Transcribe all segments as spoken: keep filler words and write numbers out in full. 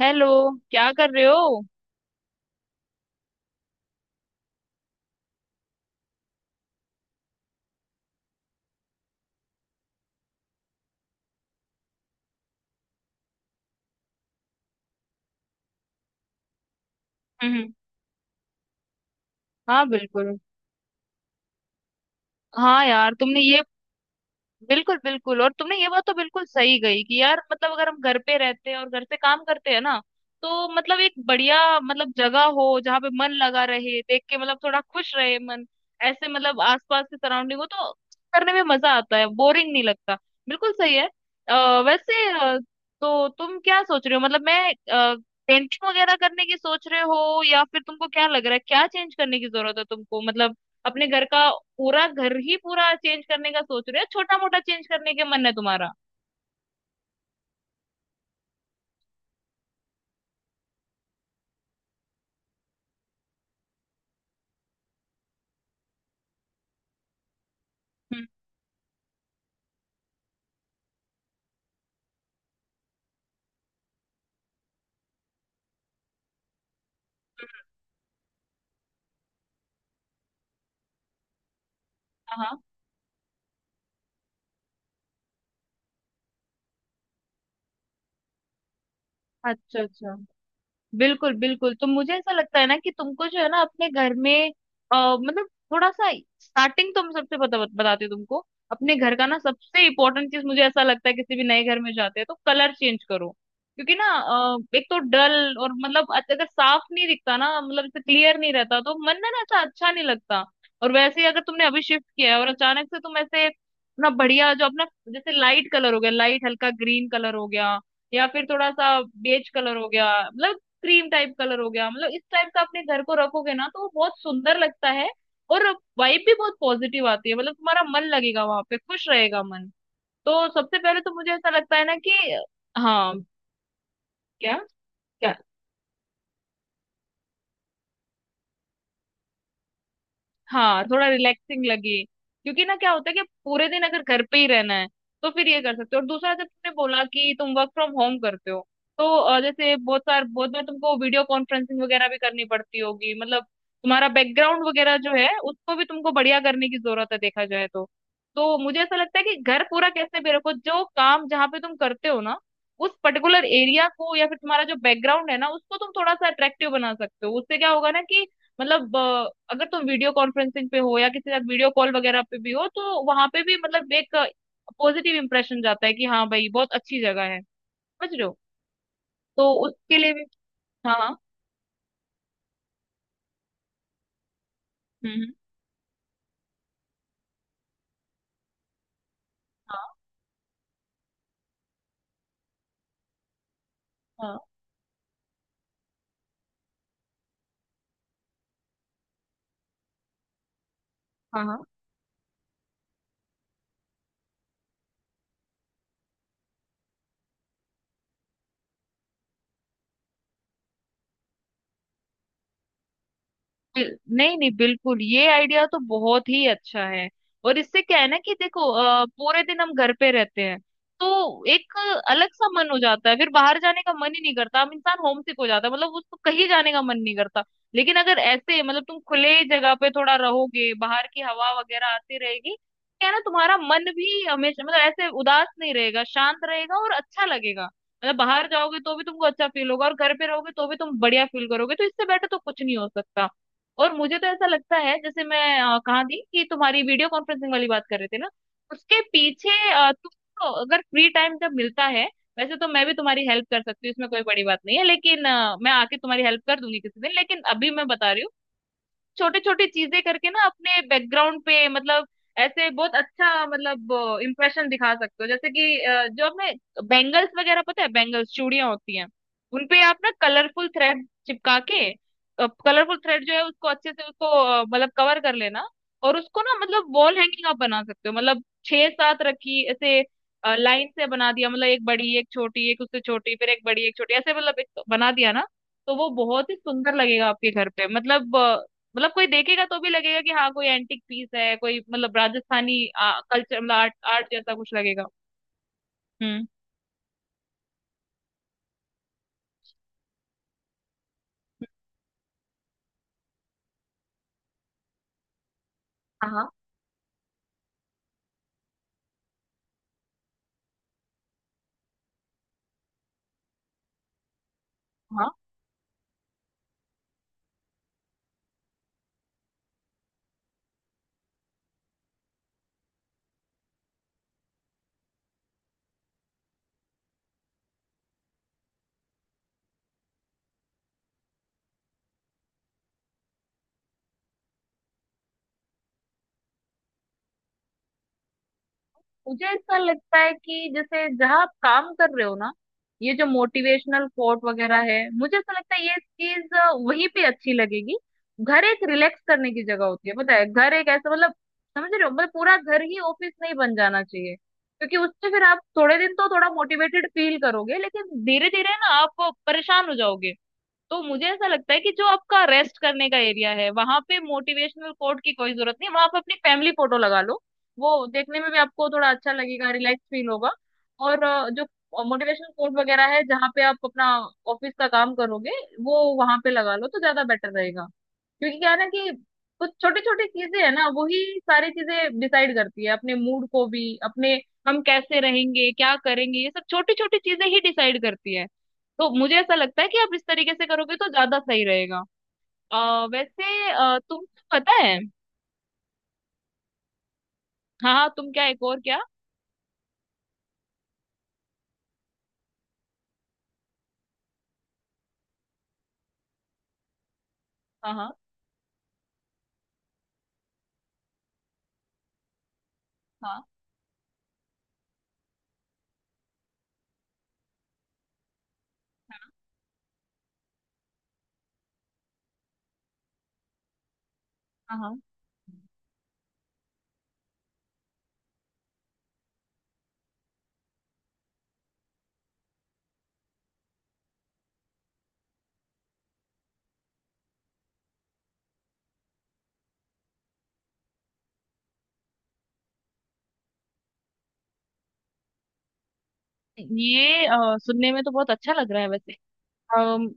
Hello. क्या कर रहे हो? हम्म। हाँ, बिल्कुल। हाँ यार, तुमने ये बिल्कुल बिल्कुल, और तुमने ये बात तो बिल्कुल सही गई कि यार मतलब अगर हम घर पे रहते हैं और घर से काम करते हैं ना, तो मतलब एक बढ़िया मतलब जगह हो जहाँ पे मन लगा रहे, देख के मतलब थोड़ा खुश रहे मन। ऐसे मतलब आसपास की सराउंडिंग हो तो करने में मजा आता है, बोरिंग नहीं लगता। बिल्कुल सही है। आ, वैसे अ, तो तुम क्या सोच रहे हो मतलब? मैं पेंटिंग वगैरह करने की सोच रहे हो, या फिर तुमको क्या लग रहा है क्या चेंज करने की जरूरत है तुमको, मतलब अपने घर का? पूरा घर ही पूरा चेंज करने का सोच रहे हो, छोटा मोटा चेंज करने के मन है तुम्हारा? हम्म। हम्म। हाँ हाँ। अच्छा अच्छा। बिल्कुल बिल्कुल, तो मुझे ऐसा लगता है ना कि तुमको जो है ना अपने घर में आ, मतलब थोड़ा सा स्टार्टिंग तो मैं सबसे बता बताती हूँ तुमको। अपने घर का ना सबसे इंपॉर्टेंट चीज, मुझे ऐसा लगता है किसी भी नए घर में जाते हैं तो कलर चेंज करो। क्योंकि ना अ, एक तो डल और मतलब अ- अगर साफ नहीं दिखता ना, मतलब क्लियर नहीं रहता तो मन ना ना ऐसा अच्छा नहीं लगता। और वैसे ही अगर तुमने अभी शिफ्ट किया है और अचानक से तुम ऐसे अपना बढ़िया जो अपना जैसे लाइट कलर हो गया, लाइट हल्का ग्रीन कलर हो गया, या फिर थोड़ा सा बेज कलर हो गया मतलब क्रीम टाइप कलर हो गया, मतलब इस टाइप का अपने घर को रखोगे ना तो वो बहुत सुंदर लगता है। और वाइब भी बहुत पॉजिटिव आती है, मतलब तुम्हारा मन लगेगा वहां पे, खुश रहेगा मन। तो सबसे पहले तो मुझे ऐसा लगता है ना कि हाँ। क्या? क्या? हाँ, थोड़ा रिलैक्सिंग लगे, क्योंकि ना क्या होता है कि पूरे दिन अगर घर पे ही रहना है तो फिर ये कर सकते हो। और दूसरा, जब तुमने बोला कि तुम वर्क फ्रॉम होम करते हो तो अ, जैसे बहुत सार बहुत बार तुमको वीडियो कॉन्फ्रेंसिंग वगैरह भी करनी पड़ती होगी, मतलब तुम्हारा बैकग्राउंड वगैरह जो है उसको भी तुमको बढ़िया करने की जरूरत है देखा जाए तो। तो मुझे ऐसा लगता है कि घर पूरा कैसे भी रखो, जो काम जहाँ पे तुम करते हो ना उस पर्टिकुलर एरिया को या फिर तुम्हारा जो बैकग्राउंड है ना उसको तुम थोड़ा सा अट्रैक्टिव बना सकते हो। उससे क्या होगा ना कि मतलब अगर तुम वीडियो कॉन्फ्रेंसिंग पे हो या किसी के साथ वीडियो कॉल वगैरह पे भी हो, तो वहां पे भी मतलब एक पॉजिटिव इंप्रेशन जाता है कि हाँ भाई, बहुत अच्छी जगह है। समझ रहे हो? तो उसके लिए भी हाँ हाँ। हम्म हम्म। हाँ हाँ। हाँ हाँ। बिल- नहीं नहीं, बिल्कुल ये आइडिया तो बहुत ही अच्छा है। और इससे क्या है ना कि देखो अ, पूरे दिन हम घर पे रहते हैं तो एक अलग सा मन हो जाता है, फिर बाहर जाने का मन ही नहीं करता, हम इंसान होमसिक हो जाता है, मतलब उसको कहीं जाने का मन नहीं करता। लेकिन अगर ऐसे मतलब तुम खुले जगह पे थोड़ा रहोगे, बाहर की हवा वगैरह आती रहेगी, क्या है ना तुम्हारा मन भी हमेशा मतलब ऐसे उदास नहीं रहेगा, शांत रहेगा और अच्छा लगेगा। मतलब बाहर जाओगे तो भी तुमको अच्छा फील होगा और घर पे रहोगे तो भी तुम बढ़िया फील करोगे, तो इससे बेटर तो कुछ नहीं हो सकता। और मुझे तो ऐसा लगता है जैसे मैं अ, कहाँ थी? कि तुम्हारी वीडियो कॉन्फ्रेंसिंग वाली बात कर रहे थे ना, उसके पीछे अ, तुमको अगर फ्री टाइम जब मिलता है, वैसे तो मैं भी तुम्हारी हेल्प कर सकती हूँ, इसमें कोई बड़ी बात नहीं है, लेकिन अ, मैं आके तुम्हारी हेल्प कर दूंगी किसी दिन, लेकिन अभी मैं बता रही हूँ, छोटी छोटी चीजें करके ना अपने बैकग्राउंड पे मतलब ऐसे बहुत अच्छा मतलब इम्प्रेशन दिखा सकते हो। जैसे कि अ, जो अपने बैंगल्स वगैरह, पता है बैंगल्स चूड़ियां होती हैं, उनपे आप ना कलरफुल थ्रेड चिपका के, कलरफुल थ्रेड जो है उसको अच्छे से उसको अ, मतलब कवर कर लेना, और उसको ना मतलब वॉल हैंगिंग आप बना सकते हो। मतलब छह सात रखी ऐसे लाइन से बना दिया, मतलब एक बड़ी एक छोटी एक उससे छोटी फिर एक बड़ी एक छोटी, ऐसे मतलब एक बना दिया ना तो वो बहुत ही सुंदर लगेगा आपके घर पे। मतलब मतलब कोई देखेगा तो भी लगेगा कि हाँ कोई एंटिक पीस है, कोई मतलब राजस्थानी कल्चर, मतलब आर्ट आर्ट जैसा कुछ लगेगा। हम्म। हाँ हाँ। मुझे ऐसा लगता है कि जैसे जहाँ आप काम कर रहे हो ना, ये जो मोटिवेशनल कोट वगैरह है, मुझे ऐसा लगता है ये चीज वहीं पे अच्छी लगेगी। घर एक रिलैक्स करने की जगह होती है, पता है? घर एक ऐसा मतलब, समझ रहे हो, मतलब पूरा घर ही ऑफिस नहीं बन जाना चाहिए। क्योंकि उससे फिर आप थोड़े दिन तो थोड़ा मोटिवेटेड फील करोगे, लेकिन धीरे धीरे ना आप परेशान हो जाओगे। तो मुझे ऐसा लगता है कि जो आपका रेस्ट करने का एरिया है, वहां पे मोटिवेशनल कोट की कोई जरूरत नहीं, वहां पे अपनी फैमिली फोटो लगा लो, वो देखने में भी आपको थोड़ा अच्छा लगेगा, रिलैक्स फील होगा। और अ, जो मोटिवेशनल कोट वगैरह है, जहाँ पे आप अपना ऑफिस का काम करोगे वो वहां पे लगा लो, तो ज्यादा बेटर रहेगा। क्योंकि क्या है ना, कि कुछ छोटी छोटी चीजें है ना, वही सारी चीजें डिसाइड करती है अपने मूड को भी, अपने हम कैसे रहेंगे क्या करेंगे, ये सब छोटी छोटी चीजें ही डिसाइड करती है। तो मुझे ऐसा लगता है कि आप इस तरीके से करोगे तो ज्यादा सही रहेगा। आ, वैसे अ, तुम पता है, हाँ हाँ, तुम क्या? एक और क्या? हाँ हाँ। हाँ। हाँ हाँ। ये अ, सुनने में तो बहुत अच्छा लग रहा है वैसे। अम,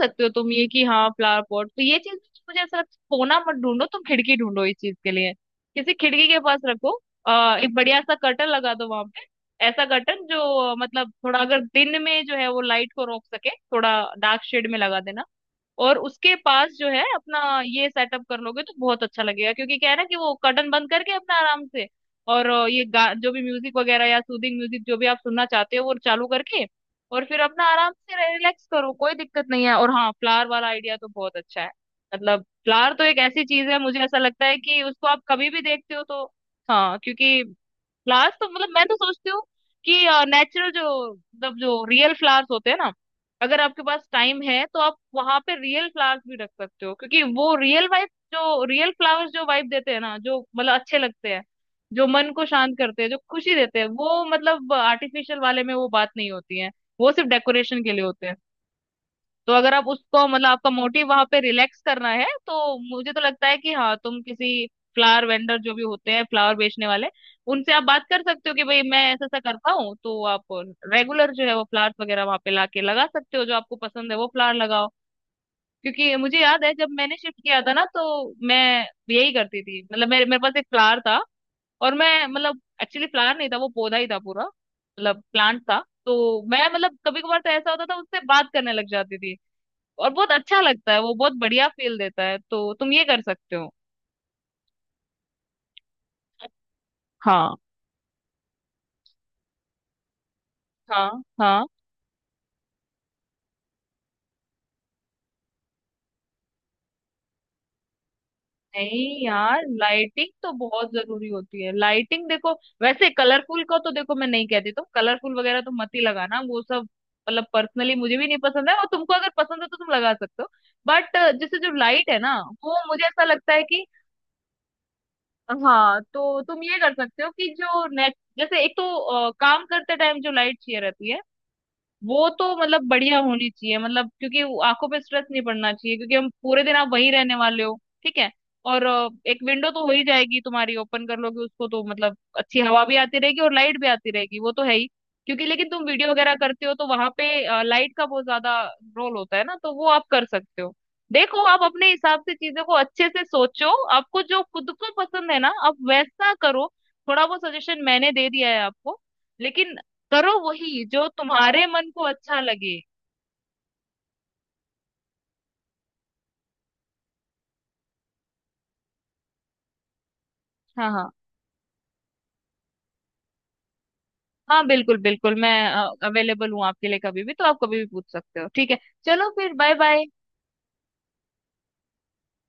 सकते हो तुम ये कि, हाँ फ्लावर पॉट तो ये चीज, मुझे ऐसा लगता है कोना मत ढूंढो तुम, खिड़की ढूंढो इस चीज के लिए, किसी खिड़की के पास रखो। आ, एक बढ़िया सा कर्टन लगा दो वहां पे, ऐसा कर्टन जो अ, मतलब थोड़ा अगर दिन में जो है वो लाइट को रोक सके, थोड़ा डार्क शेड में लगा देना। और उसके पास जो है अपना ये सेटअप कर लोगे तो बहुत अच्छा लगेगा। क्योंकि क्या है ना कि वो कर्टन बंद करके अपना आराम से, और अ, ये गा, जो भी म्यूजिक वगैरह या सूदिंग म्यूजिक जो भी आप सुनना चाहते हो वो चालू करके और फिर अपना आराम से रिलैक्स करो, कोई दिक्कत नहीं है। और हाँ, फ्लावर वाला आइडिया तो बहुत अच्छा है। मतलब फ्लावर तो एक ऐसी चीज है, मुझे ऐसा लगता है कि उसको आप कभी भी देखते हो तो, हाँ क्योंकि फ्लावर्स तो मतलब मैं तो सोचती हूँ कि नेचुरल जो मतलब जो रियल फ्लावर्स होते हैं ना, अगर आपके पास टाइम है तो आप वहां पे रियल फ्लावर्स भी रख सकते हो। क्योंकि वो रियल वाइब, जो रियल फ्लावर्स जो वाइब देते हैं ना, जो मतलब अच्छे लगते हैं, जो मन को शांत करते हैं, जो खुशी देते हैं, वो मतलब आर्टिफिशियल वाले में वो बात नहीं होती है, वो सिर्फ डेकोरेशन के लिए होते हैं। तो अगर आप उसको मतलब, आपका मोटिव वहां पे रिलैक्स करना है तो मुझे तो लगता है कि हाँ, तुम किसी फ्लावर वेंडर, जो भी होते हैं फ्लावर बेचने वाले, उनसे आप बात कर सकते हो कि भाई मैं ऐसा ऐसा करता हूँ, तो आप रेगुलर जो है वो फ्लावर्स वगैरह वहां पे लाके लगा सकते हो। जो आपको पसंद है वो फ्लावर लगाओ। क्योंकि मुझे याद है जब मैंने शिफ्ट किया था ना, तो मैं यही करती थी। मतलब मेरे मेरे पास एक फ्लावर था, और मैं मतलब एक्चुअली फ्लावर नहीं था, वो पौधा ही था पूरा, मतलब प्लांट था। तो मैं मतलब कभी कभार तो ऐसा होता था उससे बात करने लग जाती थी, और बहुत अच्छा लगता है, वो बहुत बढ़िया फील देता है, तो तुम ये कर सकते हो। हाँ हाँ। हाँ। नहीं यार, लाइटिंग तो बहुत जरूरी होती है। लाइटिंग देखो, वैसे कलरफुल का तो देखो मैं नहीं कहती, तुम कलरफुल वगैरह तो मत ही लगाना, वो सब मतलब पर्सनली मुझे भी नहीं पसंद है, और तुमको अगर पसंद है तो तुम लगा सकते हो। बट जैसे जो लाइट है ना, वो मुझे ऐसा लगता है कि, हाँ तो तुम ये कर सकते हो कि जो नेट जैसे एक तो अ, काम करते टाइम जो लाइट चाहिए रहती है वो तो मतलब बढ़िया होनी चाहिए। मतलब क्योंकि वो आंखों पे स्ट्रेस नहीं पड़ना चाहिए, क्योंकि हम पूरे दिन आप वहीं रहने वाले हो। ठीक है। और अ, एक विंडो तो हो ही जाएगी तुम्हारी, ओपन कर लोगे उसको तो मतलब अच्छी हवा भी आती रहेगी और लाइट भी आती रहेगी, वो तो है ही। क्योंकि लेकिन तुम वीडियो वगैरह करते हो तो वहां पे लाइट का बहुत ज्यादा रोल होता है ना, तो वो आप कर सकते हो। देखो आप अपने हिसाब से चीजों को अच्छे से सोचो, आपको जो खुद को पसंद है ना आप वैसा करो। थोड़ा बहुत सजेशन मैंने दे दिया है आपको, लेकिन करो वही जो तुम्हारे मन को अच्छा लगे। हाँ हाँ। हाँ बिल्कुल बिल्कुल, मैं अवेलेबल हूँ आपके लिए कभी भी, तो आप कभी भी पूछ सकते हो, ठीक है? चलो फिर, बाय बाय।